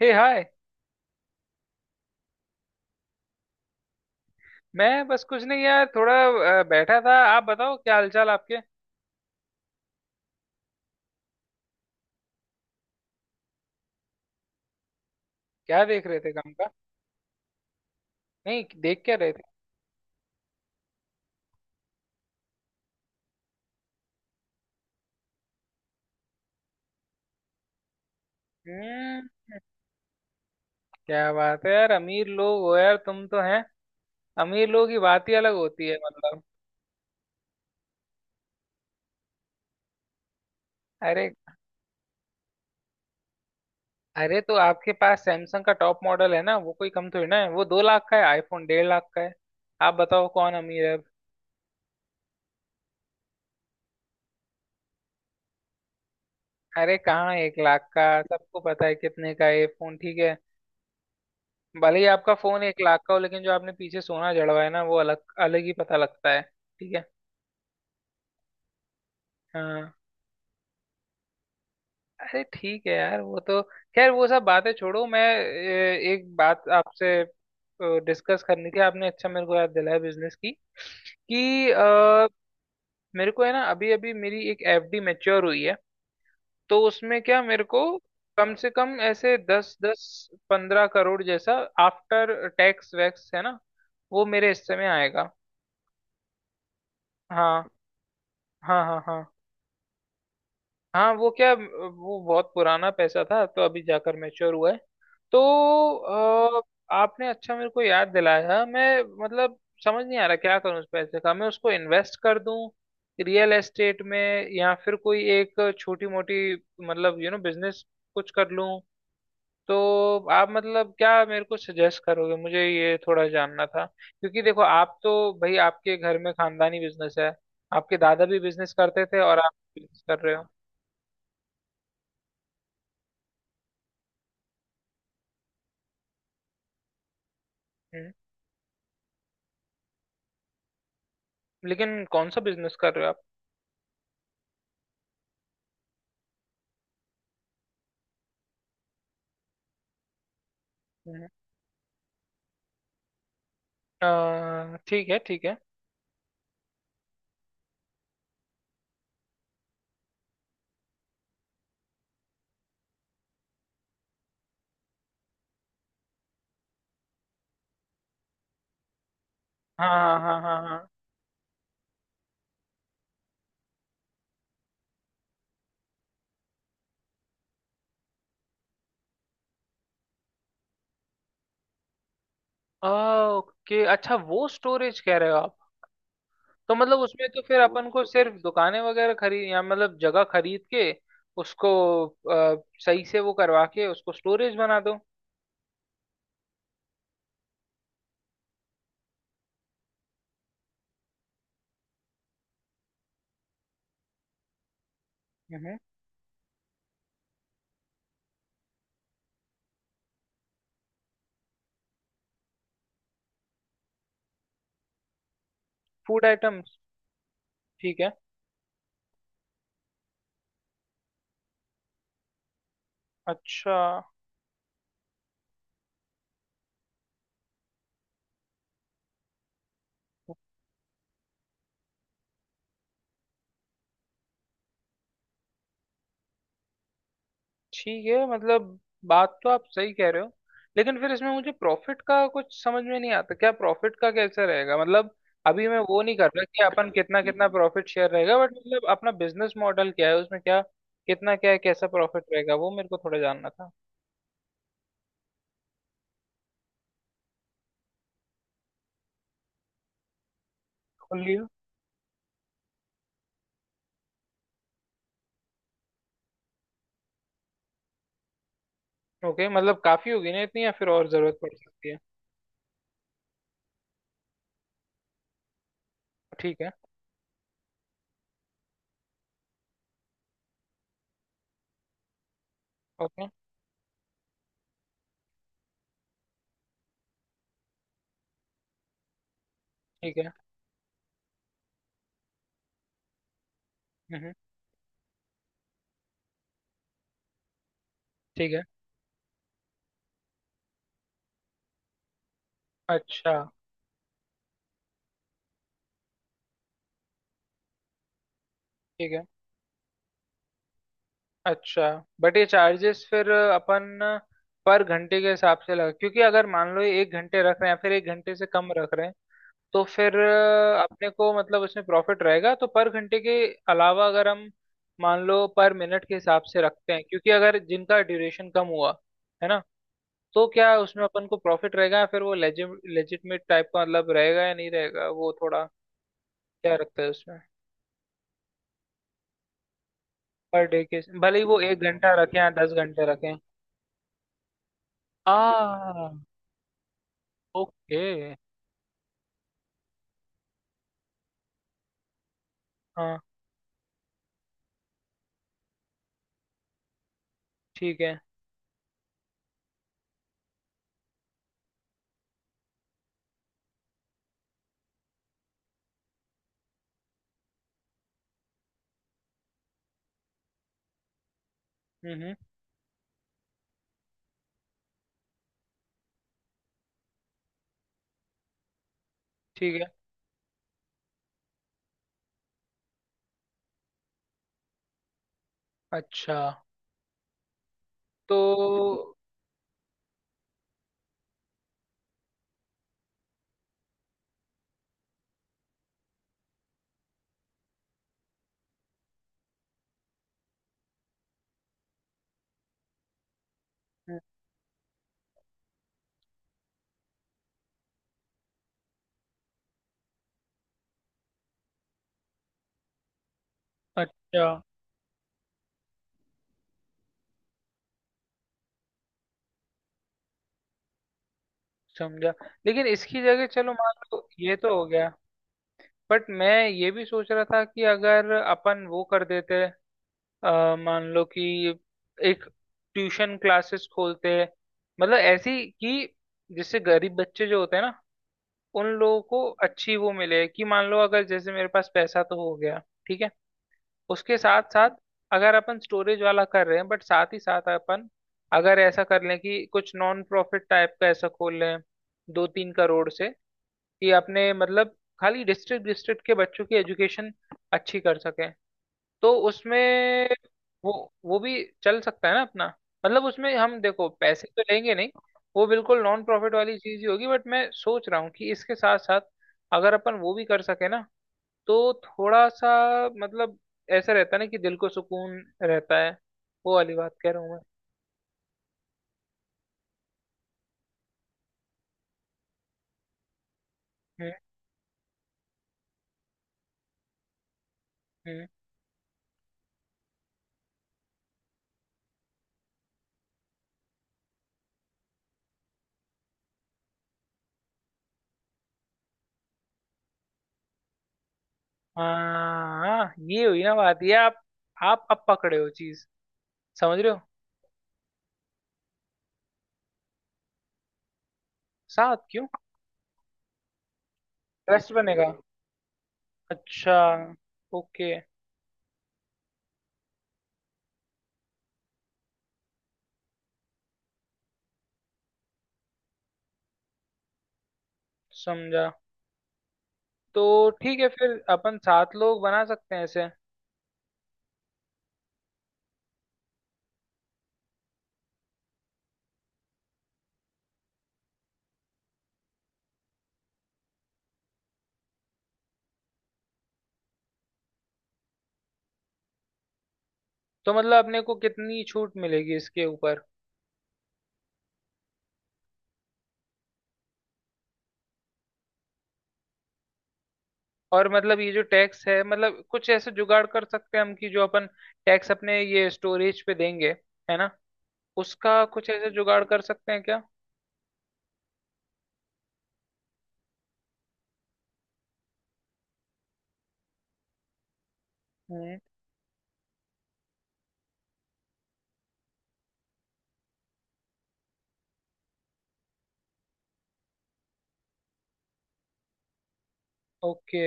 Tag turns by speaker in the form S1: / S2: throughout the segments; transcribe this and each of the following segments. S1: हे hi. मैं बस कुछ नहीं यार थोड़ा बैठा था। आप बताओ क्या हालचाल आपके। क्या देख रहे थे काम का। नहीं देख क्या रहे थे। हम्म। क्या बात है यार, अमीर लोग हो यार तुम तो हैं। अमीर लोगों की बात ही अलग होती है मतलब। अरे। अरे तो आपके पास सैमसंग का टॉप मॉडल है ना, वो कोई कम थोड़ी ना है, वो 2 लाख का है, आईफोन 1.5 लाख का है। आप बताओ कौन अमीर है अब? अरे कहाँ 1 लाख का, सबको पता है कितने का है ये फोन, ठीक है। भले ही आपका फोन 1 लाख का हो, लेकिन जो आपने पीछे सोना जड़वा है ना, वो अलग अलग ही पता लगता है, ठीक है। हाँ। अरे ठीक है यार वो तो। खैर वो सब बातें छोड़ो, मैं एक बात आपसे डिस्कस करनी थी। आपने अच्छा मेरे को याद दिलाया बिजनेस की, कि मेरे को है ना, अभी अभी मेरी एक एफडी मैच्योर हुई है। तो उसमें क्या, मेरे को कम से कम ऐसे दस दस पंद्रह करोड़ जैसा आफ्टर टैक्स वैक्स है ना वो मेरे हिस्से में आएगा। हाँ हाँ हाँ हाँ। हाँ वो क्या, वो बहुत पुराना पैसा था तो अभी जाकर मैच्योर हुआ है। तो अ, आपने अच्छा मेरे को याद दिलाया। मैं मतलब समझ नहीं आ रहा क्या करूँ उस पैसे का, मैं उसको इन्वेस्ट कर दूं रियल एस्टेट में, या फिर कोई एक छोटी मोटी मतलब यू नो बिजनेस कुछ कर लूं। तो आप मतलब क्या मेरे को सजेस्ट करोगे, मुझे ये थोड़ा जानना था क्योंकि देखो आप तो, भाई आपके घर में खानदानी बिजनेस है। आपके दादा भी बिजनेस करते थे और आप बिजनेस कर रहे हो। हम्म। लेकिन कौन सा बिजनेस कर रहे हो आप। हम्म। ठीक है ठीक है। हाँ हाँ हाँ हाँ हाँ। ओके अच्छा, वो स्टोरेज कह रहे हो आप। तो मतलब उसमें तो फिर अपन को सिर्फ दुकानें वगैरह खरीद, या मतलब जगह खरीद के उसको अ, सही से वो करवा के उसको स्टोरेज बना दो। हम्म। फूड आइटम्स, ठीक है। अच्छा। ठीक है मतलब बात तो आप सही कह रहे हो। लेकिन फिर इसमें मुझे प्रॉफिट का कुछ समझ में नहीं आता, क्या प्रॉफिट का कैसे रहेगा मतलब। अभी मैं वो नहीं कर रहा कि अपन कितना कितना प्रॉफिट शेयर रहेगा, बट मतलब अपना बिजनेस मॉडल क्या है, उसमें क्या कितना क्या है, कैसा प्रॉफिट रहेगा, वो मेरे को थोड़ा जानना था। खोलिए। ओके मतलब काफी होगी ना इतनी, या फिर और जरूरत पड़ सकती है। ठीक है। ओके। ठीक है। हम्म। ठीक है। अच्छा। ठीक है। अच्छा। बट ये चार्जेस फिर अपन पर घंटे के हिसाब से लगा, क्योंकि अगर मान लो ये 1 घंटे रख रहे हैं या फिर 1 घंटे से कम रख रहे हैं, तो फिर अपने को मतलब उसमें प्रॉफिट रहेगा, तो पर घंटे के अलावा अगर हम मान लो पर मिनट के हिसाब से रखते हैं, क्योंकि अगर जिनका ड्यूरेशन कम हुआ है ना, तो क्या उसमें अपन को प्रॉफिट रहेगा या फिर वो लेजिटमेट टाइप का मतलब रहेगा या नहीं रहेगा, वो थोड़ा क्या रखते हैं उसमें। पर डे के, भले ही वो 1 घंटा रखें या 10 घंटे रखें। आ। ओके। हाँ ठीक है। हम्म। ठीक है। अच्छा। तो हम्म, अच्छा, समझा। लेकिन इसकी जगह, चलो मान लो ये तो हो गया, बट मैं ये भी सोच रहा था कि अगर अपन वो कर देते, मान लो कि एक ट्यूशन क्लासेस खोलते, मतलब ऐसी कि जिससे गरीब बच्चे जो होते हैं ना उन लोगों को अच्छी वो मिले, कि मान लो अगर जैसे मेरे पास पैसा तो हो गया, ठीक है। उसके साथ साथ अगर अपन स्टोरेज वाला कर रहे हैं, बट साथ ही साथ अपन अगर ऐसा कर लें कि कुछ नॉन प्रॉफिट टाइप का ऐसा खोल लें 2-3 करोड़ से, कि अपने मतलब खाली डिस्ट्रिक्ट डिस्ट्रिक्ट के बच्चों की एजुकेशन अच्छी कर सकें, तो उसमें वो वो भी चल सकता है ना अपना। मतलब उसमें हम, देखो, पैसे तो लेंगे नहीं, वो बिल्कुल नॉन प्रॉफिट वाली चीज ही होगी, बट मैं सोच रहा हूँ कि इसके साथ साथ अगर अपन वो भी कर सके ना तो थोड़ा सा मतलब ऐसा रहता है ना कि दिल को सुकून रहता है, वो वाली बात कह रहा हूँ मैं। हम्म हम्म। हाँ, ये हुई ना बात, ये आप अब पकड़े हो चीज। समझ रहे हो। साथ क्यों। ट्रस्ट बनेगा। अच्छा। ओके। समझा। तो ठीक है, फिर अपन सात लोग बना सकते हैं ऐसे। तो मतलब अपने को कितनी छूट मिलेगी इसके ऊपर। और मतलब ये जो टैक्स है, मतलब कुछ ऐसे जुगाड़ कर सकते हैं हम, कि जो अपन टैक्स अपने ये स्टोरेज पे देंगे है ना, उसका कुछ ऐसे जुगाड़ कर सकते हैं क्या। हम्म। ओके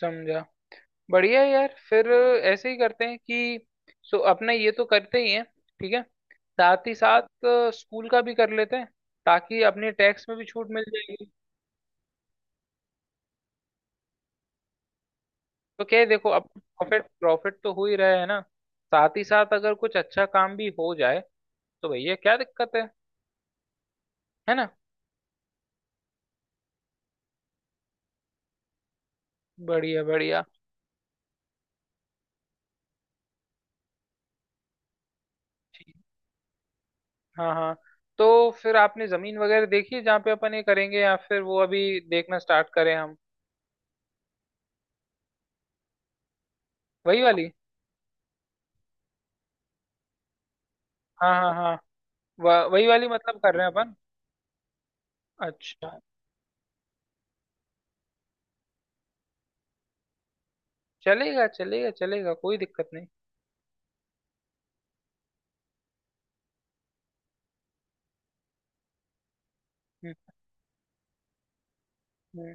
S1: समझा। बढ़िया है यार, फिर ऐसे ही करते हैं, कि सो अपने ये तो करते ही हैं ठीक है। साथ ही साथ स्कूल का भी कर लेते हैं, ताकि अपने टैक्स में भी छूट मिल जाएगी। तो क्या है, देखो अब प्रॉफिट प्रॉफिट तो हो ही रहा है ना, साथ ही साथ अगर कुछ अच्छा काम भी हो जाए, तो भैया क्या दिक्कत है ना। बढ़िया बढ़िया। हाँ हाँ। तो फिर आपने जमीन वगैरह देखी है जहाँ पे अपन ये करेंगे, या फिर वो अभी देखना स्टार्ट करें हम। वही वाली। हाँ हाँ हाँ। वही वाली मतलब कर रहे हैं अपन। अच्छा। चलेगा चलेगा चलेगा, कोई दिक्कत नहीं। हम्म। हम्म,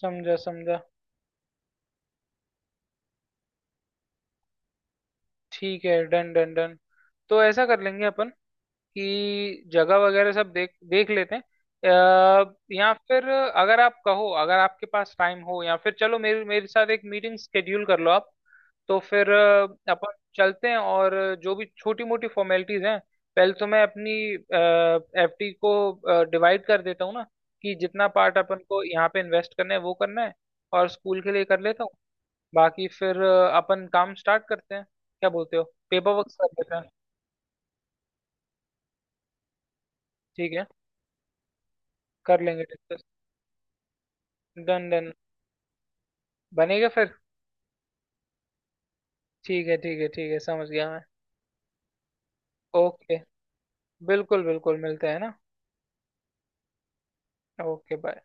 S1: समझा समझा। ठीक है, डन डन डन। तो ऐसा कर लेंगे अपन, कि जगह वगैरह सब देख देख लेते हैं। या फिर अगर आप कहो, अगर आपके पास टाइम हो या फिर, चलो मेरे मेरे साथ एक मीटिंग स्केड्यूल कर लो आप। तो फिर अपन चलते हैं और जो भी छोटी मोटी फॉर्मेलिटीज हैं, पहले तो मैं अपनी एफडी को डिवाइड कर देता हूँ ना, कि जितना पार्ट अपन को यहाँ पे इन्वेस्ट करना है वो करना है, और स्कूल के लिए कर लेता हूँ। बाकी फिर अपन काम स्टार्ट करते हैं, क्या बोलते हो। पेपर वर्क कर लेते हैं। ठीक है। कर लेंगे डिस्कस। Done done. बनेगा फिर। ठीक है ठीक है ठीक है, समझ गया मैं। ओके। बिल्कुल बिल्कुल मिलते हैं ना। Okay bye.